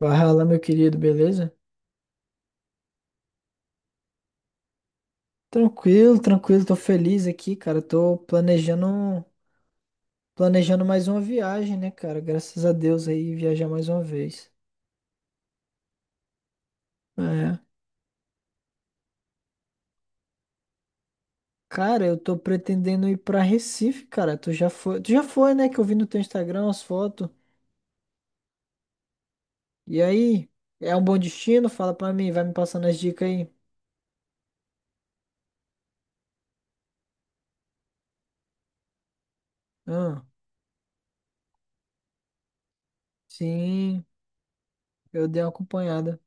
Fala, meu querido, beleza? Tranquilo, tranquilo, tô feliz aqui, cara. Planejando mais uma viagem, né, cara? Graças a Deus aí, viajar mais uma vez. É. Cara, eu tô pretendendo ir pra Recife, cara. Tu já foi, né? Que eu vi no teu Instagram as fotos. E aí, é um bom destino? Fala pra mim, vai me passando as dicas aí. Ah, sim, eu dei uma acompanhada.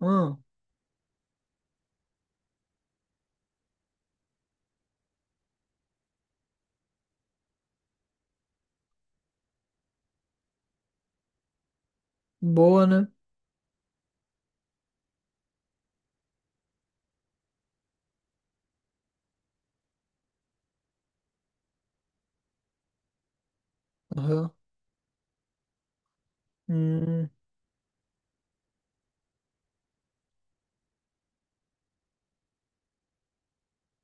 Ah, boa, né? Aham. Hum.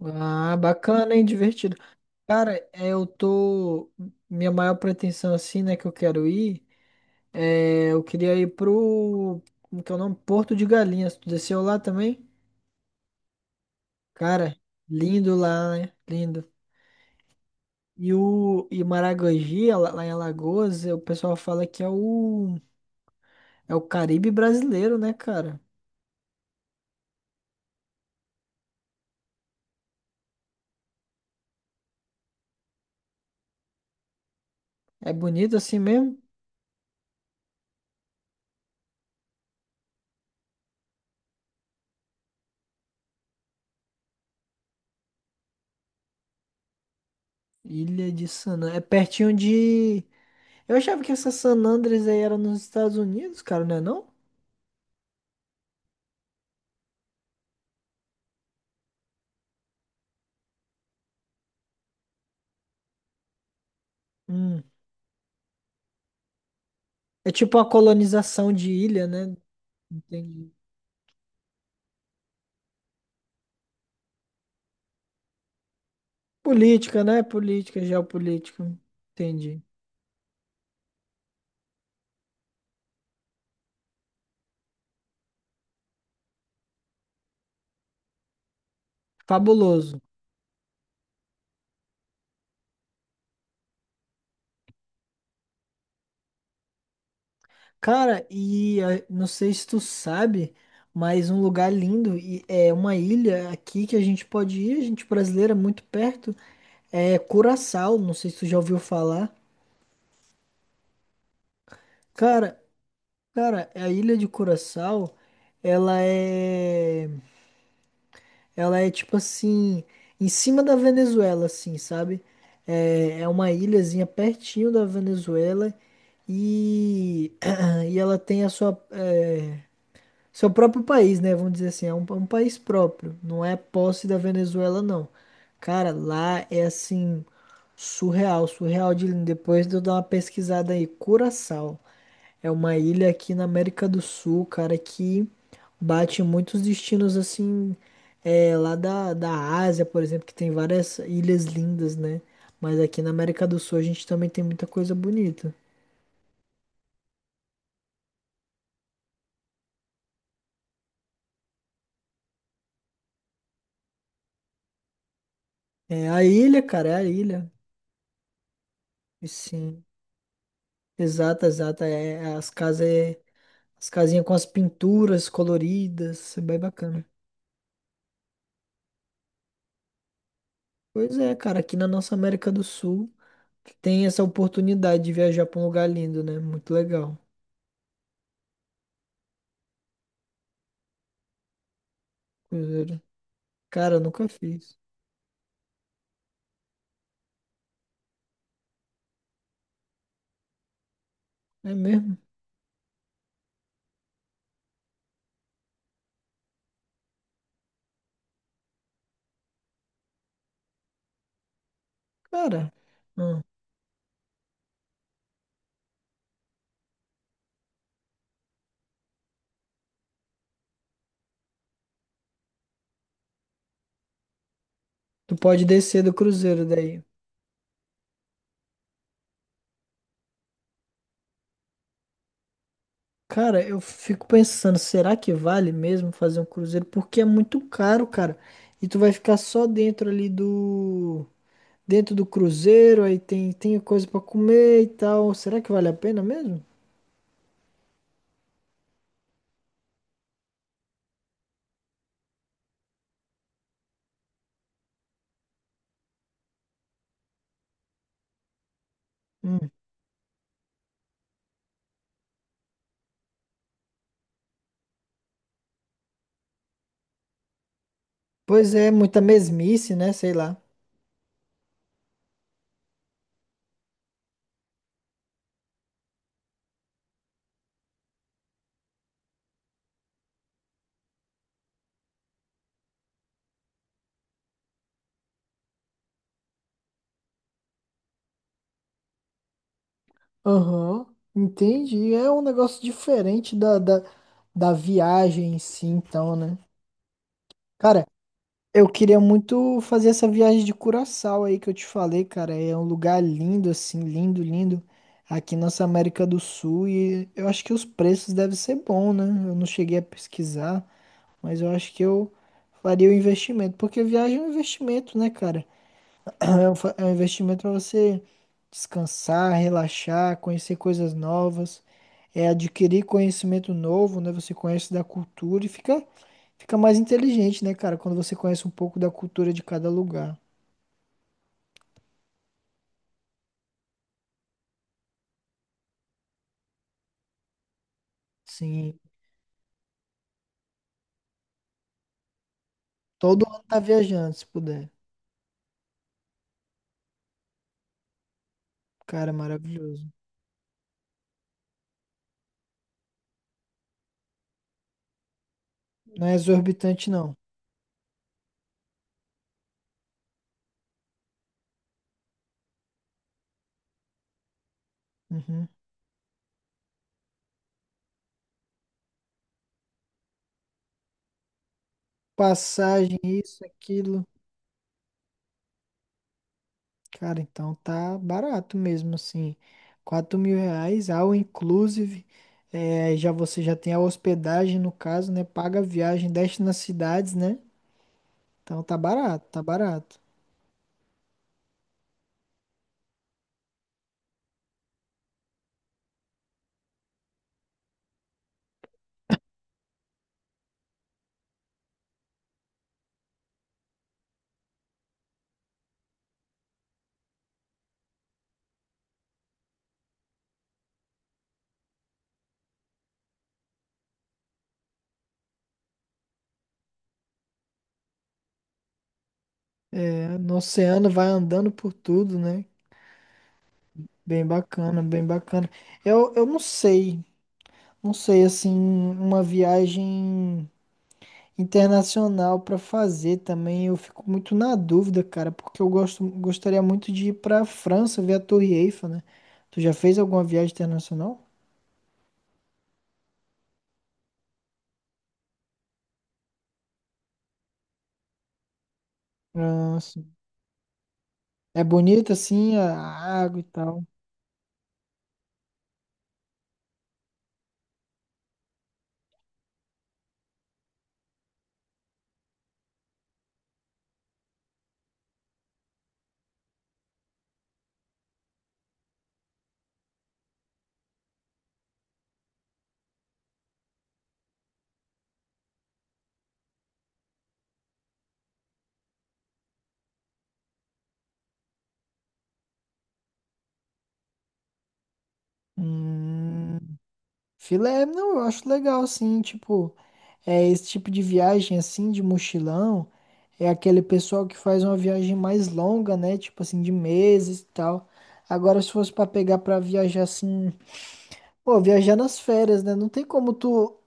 Ah, bacana, hein? Divertido. Cara, é, eu tô. Minha maior pretensão, assim, né, que eu quero ir, é, eu queria ir pro. Como que é o nome? Porto de Galinhas. Tu desceu lá também? Cara, lindo lá, né? Lindo. E o e Maragogi, lá em Alagoas, é, o pessoal fala que é o. É o Caribe brasileiro, né, cara? É bonito assim mesmo? Ilha de San Andrés. É pertinho de. Eu achava que essa San Andrés aí era nos Estados Unidos, cara, não é não? Hum. É tipo uma colonização de ilha, né? Entendi. Política, né? Política, geopolítica. Entendi. Fabuloso. Cara, e não sei se tu sabe, mas um lugar lindo e é uma ilha aqui que a gente pode ir, a gente brasileira, muito perto, é Curaçao. Não sei se tu já ouviu falar. Cara, cara, a ilha de Curaçao, ela é. Ela é tipo assim, em cima da Venezuela, assim, sabe? É, é uma ilhazinha pertinho da Venezuela e, e ela tem a sua, é, seu próprio país, né? Vamos dizer assim, é um país próprio, não é posse da Venezuela, não. Cara, lá é assim, surreal de lindo. Depois de eu dar uma pesquisada aí, Curaçao. É uma ilha aqui na América do Sul, cara, que bate em muitos destinos assim, é, lá da Ásia, por exemplo, que tem várias ilhas lindas, né? Mas aqui na América do Sul a gente também tem muita coisa bonita. É a ilha, cara, é a ilha. E sim, exata. É, as casas, as casinhas com as pinturas coloridas, é bem bacana. Pois é, cara, aqui na nossa América do Sul tem essa oportunidade de viajar pra um lugar lindo, né? Muito legal. Cara, eu nunca fiz. É mesmo? Cara, hum, tu pode descer do cruzeiro daí. Cara, eu fico pensando, será que vale mesmo fazer um cruzeiro? Porque é muito caro, cara. E tu vai ficar só dentro ali do... Dentro do cruzeiro, aí tem coisa pra comer e tal. Será que vale a pena mesmo? Hum. Pois é, muita mesmice, né? Sei lá. Aham, entendi. É um negócio diferente da viagem em si, então, né? Cara, eu queria muito fazer essa viagem de Curaçao aí que eu te falei, cara. É um lugar lindo, assim, lindo. Aqui nossa América do Sul. E eu acho que os preços devem ser bons, né? Eu não cheguei a pesquisar, mas eu acho que eu faria o investimento. Porque viagem é um investimento, né, cara? É é um investimento para você descansar, relaxar, conhecer coisas novas, é adquirir conhecimento novo, né? Você conhece da cultura e fica mais inteligente, né, cara? Quando você conhece um pouco da cultura de cada lugar. Sim, todo ano tá viajando, se puder. Cara, maravilhoso. Não é exorbitante, não. Uhum. Passagem, isso, aquilo. Cara, então tá barato mesmo, assim. R$ 4.000, all inclusive. É, já você já tem a hospedagem, no caso, né? Paga a viagem, desce nas cidades, né? Então tá barato, tá barato. É, no oceano vai andando por tudo, né? Bem bacana, bem bacana. Eu não sei, não sei, assim, uma viagem internacional pra fazer também. Eu fico muito na dúvida, cara, porque gostaria muito de ir pra França ver a Torre Eiffel, né? Tu já fez alguma viagem internacional? Ah, sim. É bonito assim a água e tal. Hum, filé, não, eu acho legal assim, tipo, é esse tipo de viagem assim de mochilão, é aquele pessoal que faz uma viagem mais longa, né? Tipo assim de meses e tal. Agora se fosse pra pegar pra viajar assim, pô, viajar nas férias, né? Não tem como tu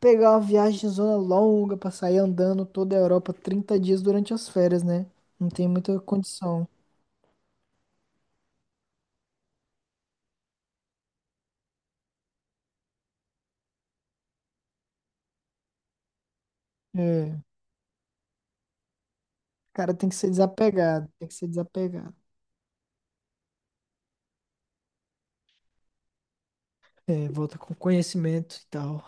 pegar uma viagem zona longa pra sair andando toda a Europa 30 dias durante as férias, né? Não tem muita condição. É. O cara tem que ser desapegado, tem que ser desapegado. É, volta com conhecimento e tal.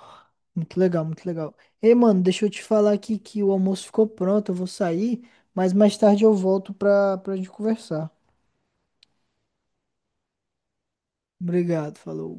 Muito legal, muito legal. Ei, mano, deixa eu te falar aqui que o almoço ficou pronto, eu vou sair, mas mais tarde eu volto pra gente conversar. Obrigado, falou.